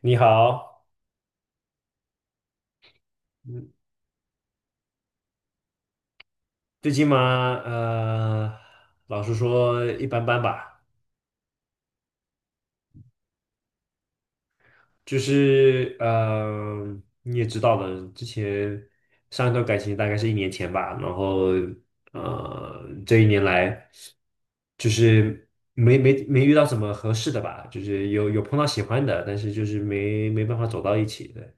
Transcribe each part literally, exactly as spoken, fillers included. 你好，最近嘛，呃，老实说一般般吧。就是呃，你也知道的，之前上一段感情大概是一年前吧。然后呃，这一年来就是没没没遇到什么合适的吧，就是有有碰到喜欢的，但是就是没没办法走到一起的。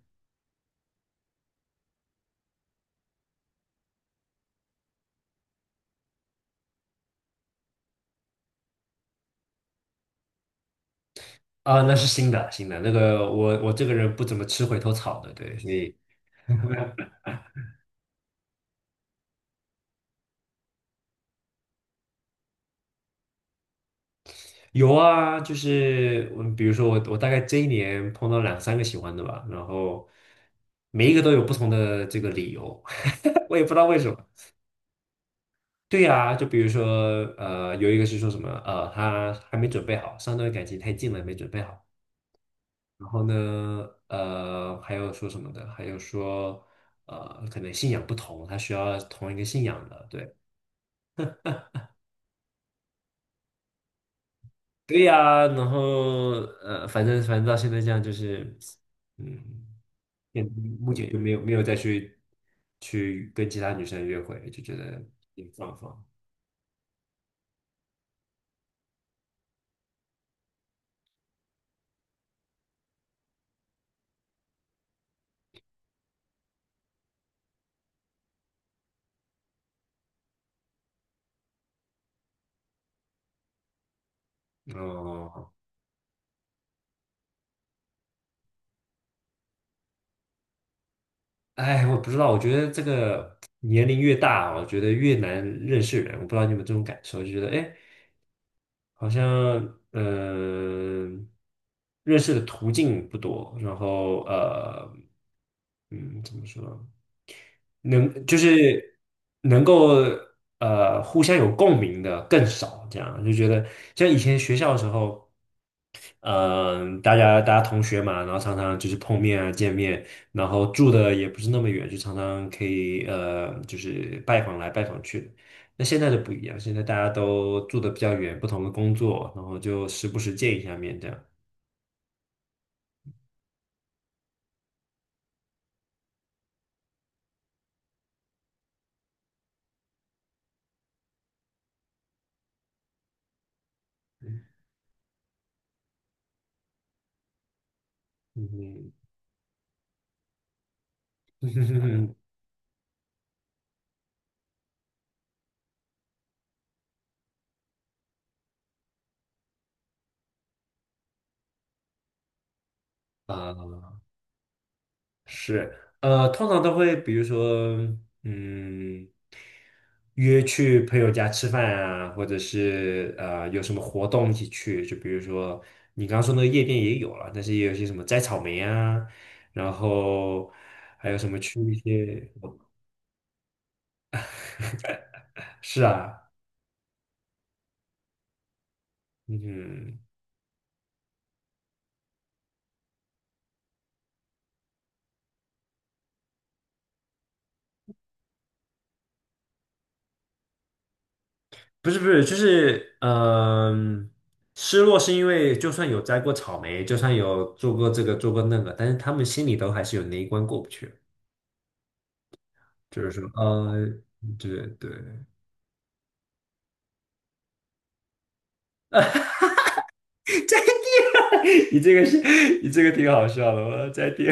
啊，那是新的新的那个，我我这个人不怎么吃回头草的，对，所以。有啊，就是嗯，比如说我我大概这一年碰到两三个喜欢的吧，然后每一个都有不同的这个理由，我也不知道为什么。对呀，就比如说呃，有一个是说什么呃，他还没准备好，上段感情太近了，没准备好。然后呢，呃，还有说什么的，还有说呃，可能信仰不同，他需要同一个信仰的，对。对呀，然后呃，反正反正到现在这样就是，嗯。也目前就没有没有再去去跟其他女生约会，就觉得也放放。哦，哎，我不知道。我觉得这个年龄越大，我觉得越难认识人。我不知道你有没有这种感受，就觉得哎，好像嗯、呃认识的途径不多。然后呃，嗯，怎么说，能就是能够呃互相有共鸣的更少，这样就觉得像以前学校的时候。嗯、大家大家同学嘛，然后常常就是碰面啊、见面，然后住的也不是那么远，就常常可以呃，就是拜访来拜访去的。那现在就不一样，现在大家都住的比较远，不同的工作，然后就时不时见一下面这样。嗯嗯。 啊是。呃，通常都会比如说，嗯，约去朋友家吃饭啊，或者是呃有什么活动一起去，就比如说你刚刚说那个夜店也有了，但是也有一些什么摘草莓啊，然后还有什么去一些。是啊。嗯，不是不是，就是嗯、失落是因为就算有摘过草莓，就算有做过这个做过那个，但是他们心里都还是有那一关过不去。就是说，啊，对对。你这个是，你这个挺好笑的，我要再听。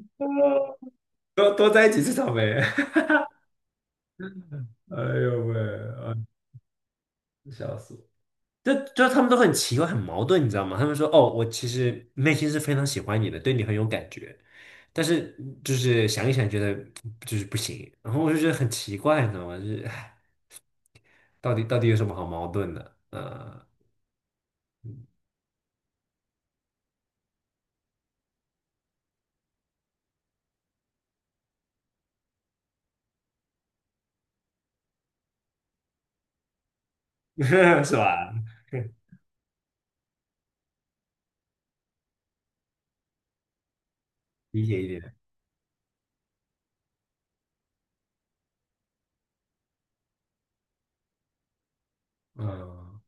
多多在几次草莓。哎呦喂，啊，笑死我！就就他们都很奇怪，很矛盾，你知道吗？他们说：“哦，我其实内心是非常喜欢你的，对你很有感觉，但是就是想一想，觉得就是不行。”然后我就觉得很奇怪，你知道吗？就是，唉，到底到底有什么好矛盾的？呃，是吧？理解一点，嗯，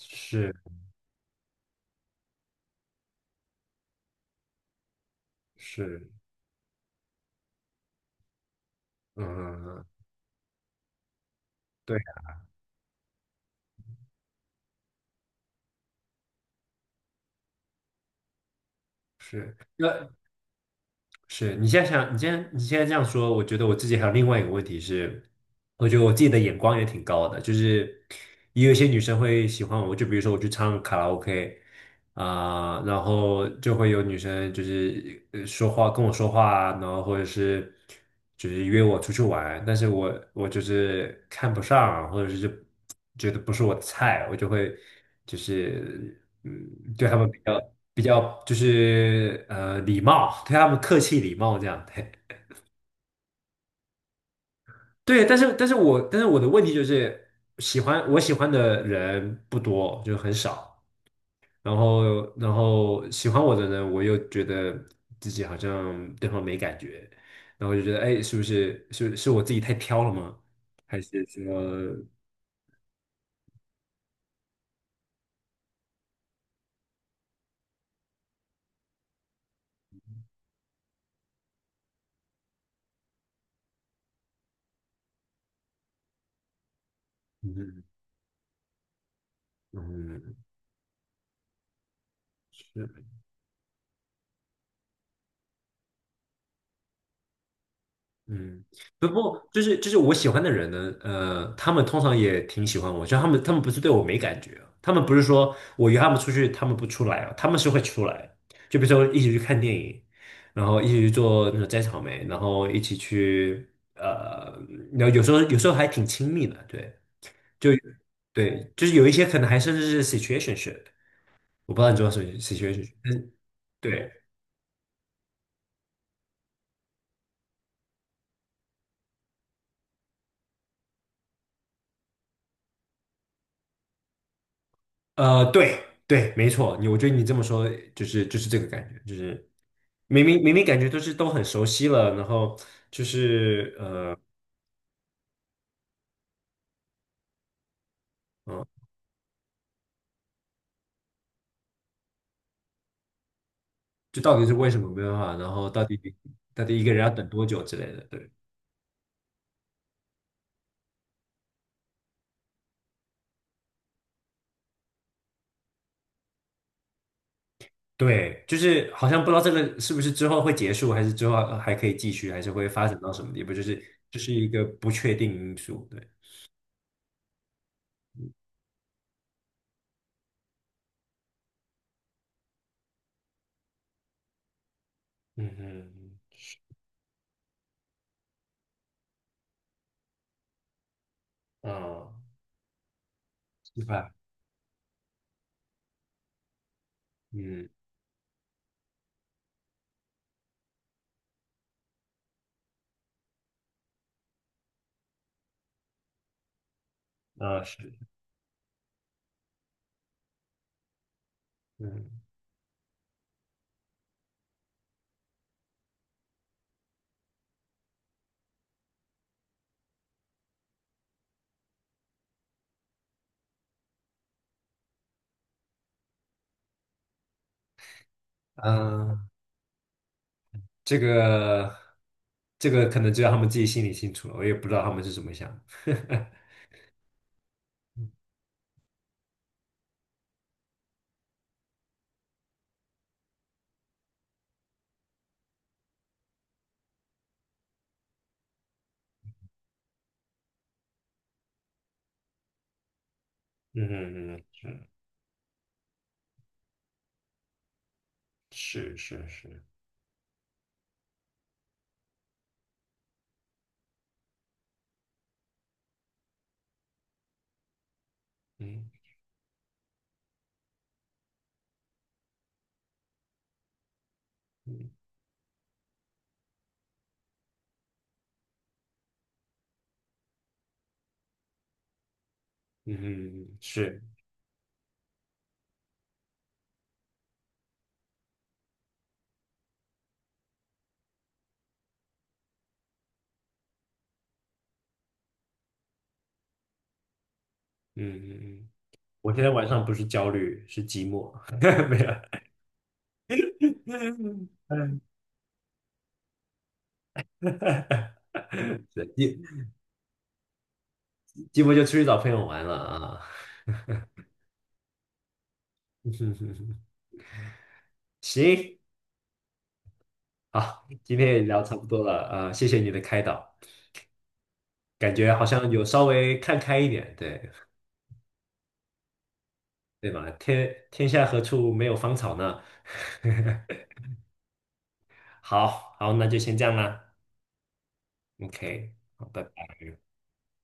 是是。嗯，嗯嗯，对，是。那是你现在想，你现在你现在这样说，我觉得我自己还有另外一个问题是，我觉得我自己的眼光也挺高的，就是也有一些女生会喜欢我，就比如说我去唱卡拉 OK，啊、然后就会有女生就是呃说话跟我说话啊，然后或者是就是约我出去玩。但是我我就是看不上啊，或者是就觉得不是我的菜，我就会就是嗯对他们比较比较就是呃礼貌，对他们客气礼貌这样，对。 对，但是但是我但是我的问题就是喜欢我喜欢的人不多，就很少。然后然后喜欢我的人，我又觉得自己好像对方没感觉，然后就觉得哎，是不是是是我自己太挑了吗？还是说，嗯嗯，是？嗯，不过就是就是我喜欢的人呢，呃，他们通常也挺喜欢我，就他们他们不是对我没感觉。他们不是说我约他们出去，他们不出来啊，他们是会出来，就比如说一起去看电影，然后一起去做那种摘草莓，然后一起去呃，然后有时候有时候还挺亲密的，对。就对，就是有一些可能还甚至是 situationship，我不知道你知道什 s i t u a t i o n s， 对。呃，对对，没错。你我觉得你这么说就是就是这个感觉，就是。明明明明感觉都是都很熟悉了，然后就是呃嗯，就到底是为什么没办法，然后到底到底一个人要等多久之类的，对对。就是好像不知道这个是不是之后会结束，还是之后呃还可以继续，还是会发展到什么地步，就是就是一个不确定因素，对。嗯嗯嗯，嗯，是吧？嗯，啊是，嗯嗯。呃这个这个可能只有他们自己心里清楚了，我也不知道他们是怎么想的。嗯嗯嗯，是是是是，嗯嗯嗯嗯，是。嗯嗯嗯，我现在晚上不是焦虑，是寂寞。没有。哈，对。寂寂寞就出去找朋友玩了啊。行，好，今天也聊差不多了啊。呃谢谢你的开导。感觉好像有稍微看开一点。对，对吧？天天下何处没有芳草呢？好好，那就先这样啦，OK，好，拜拜。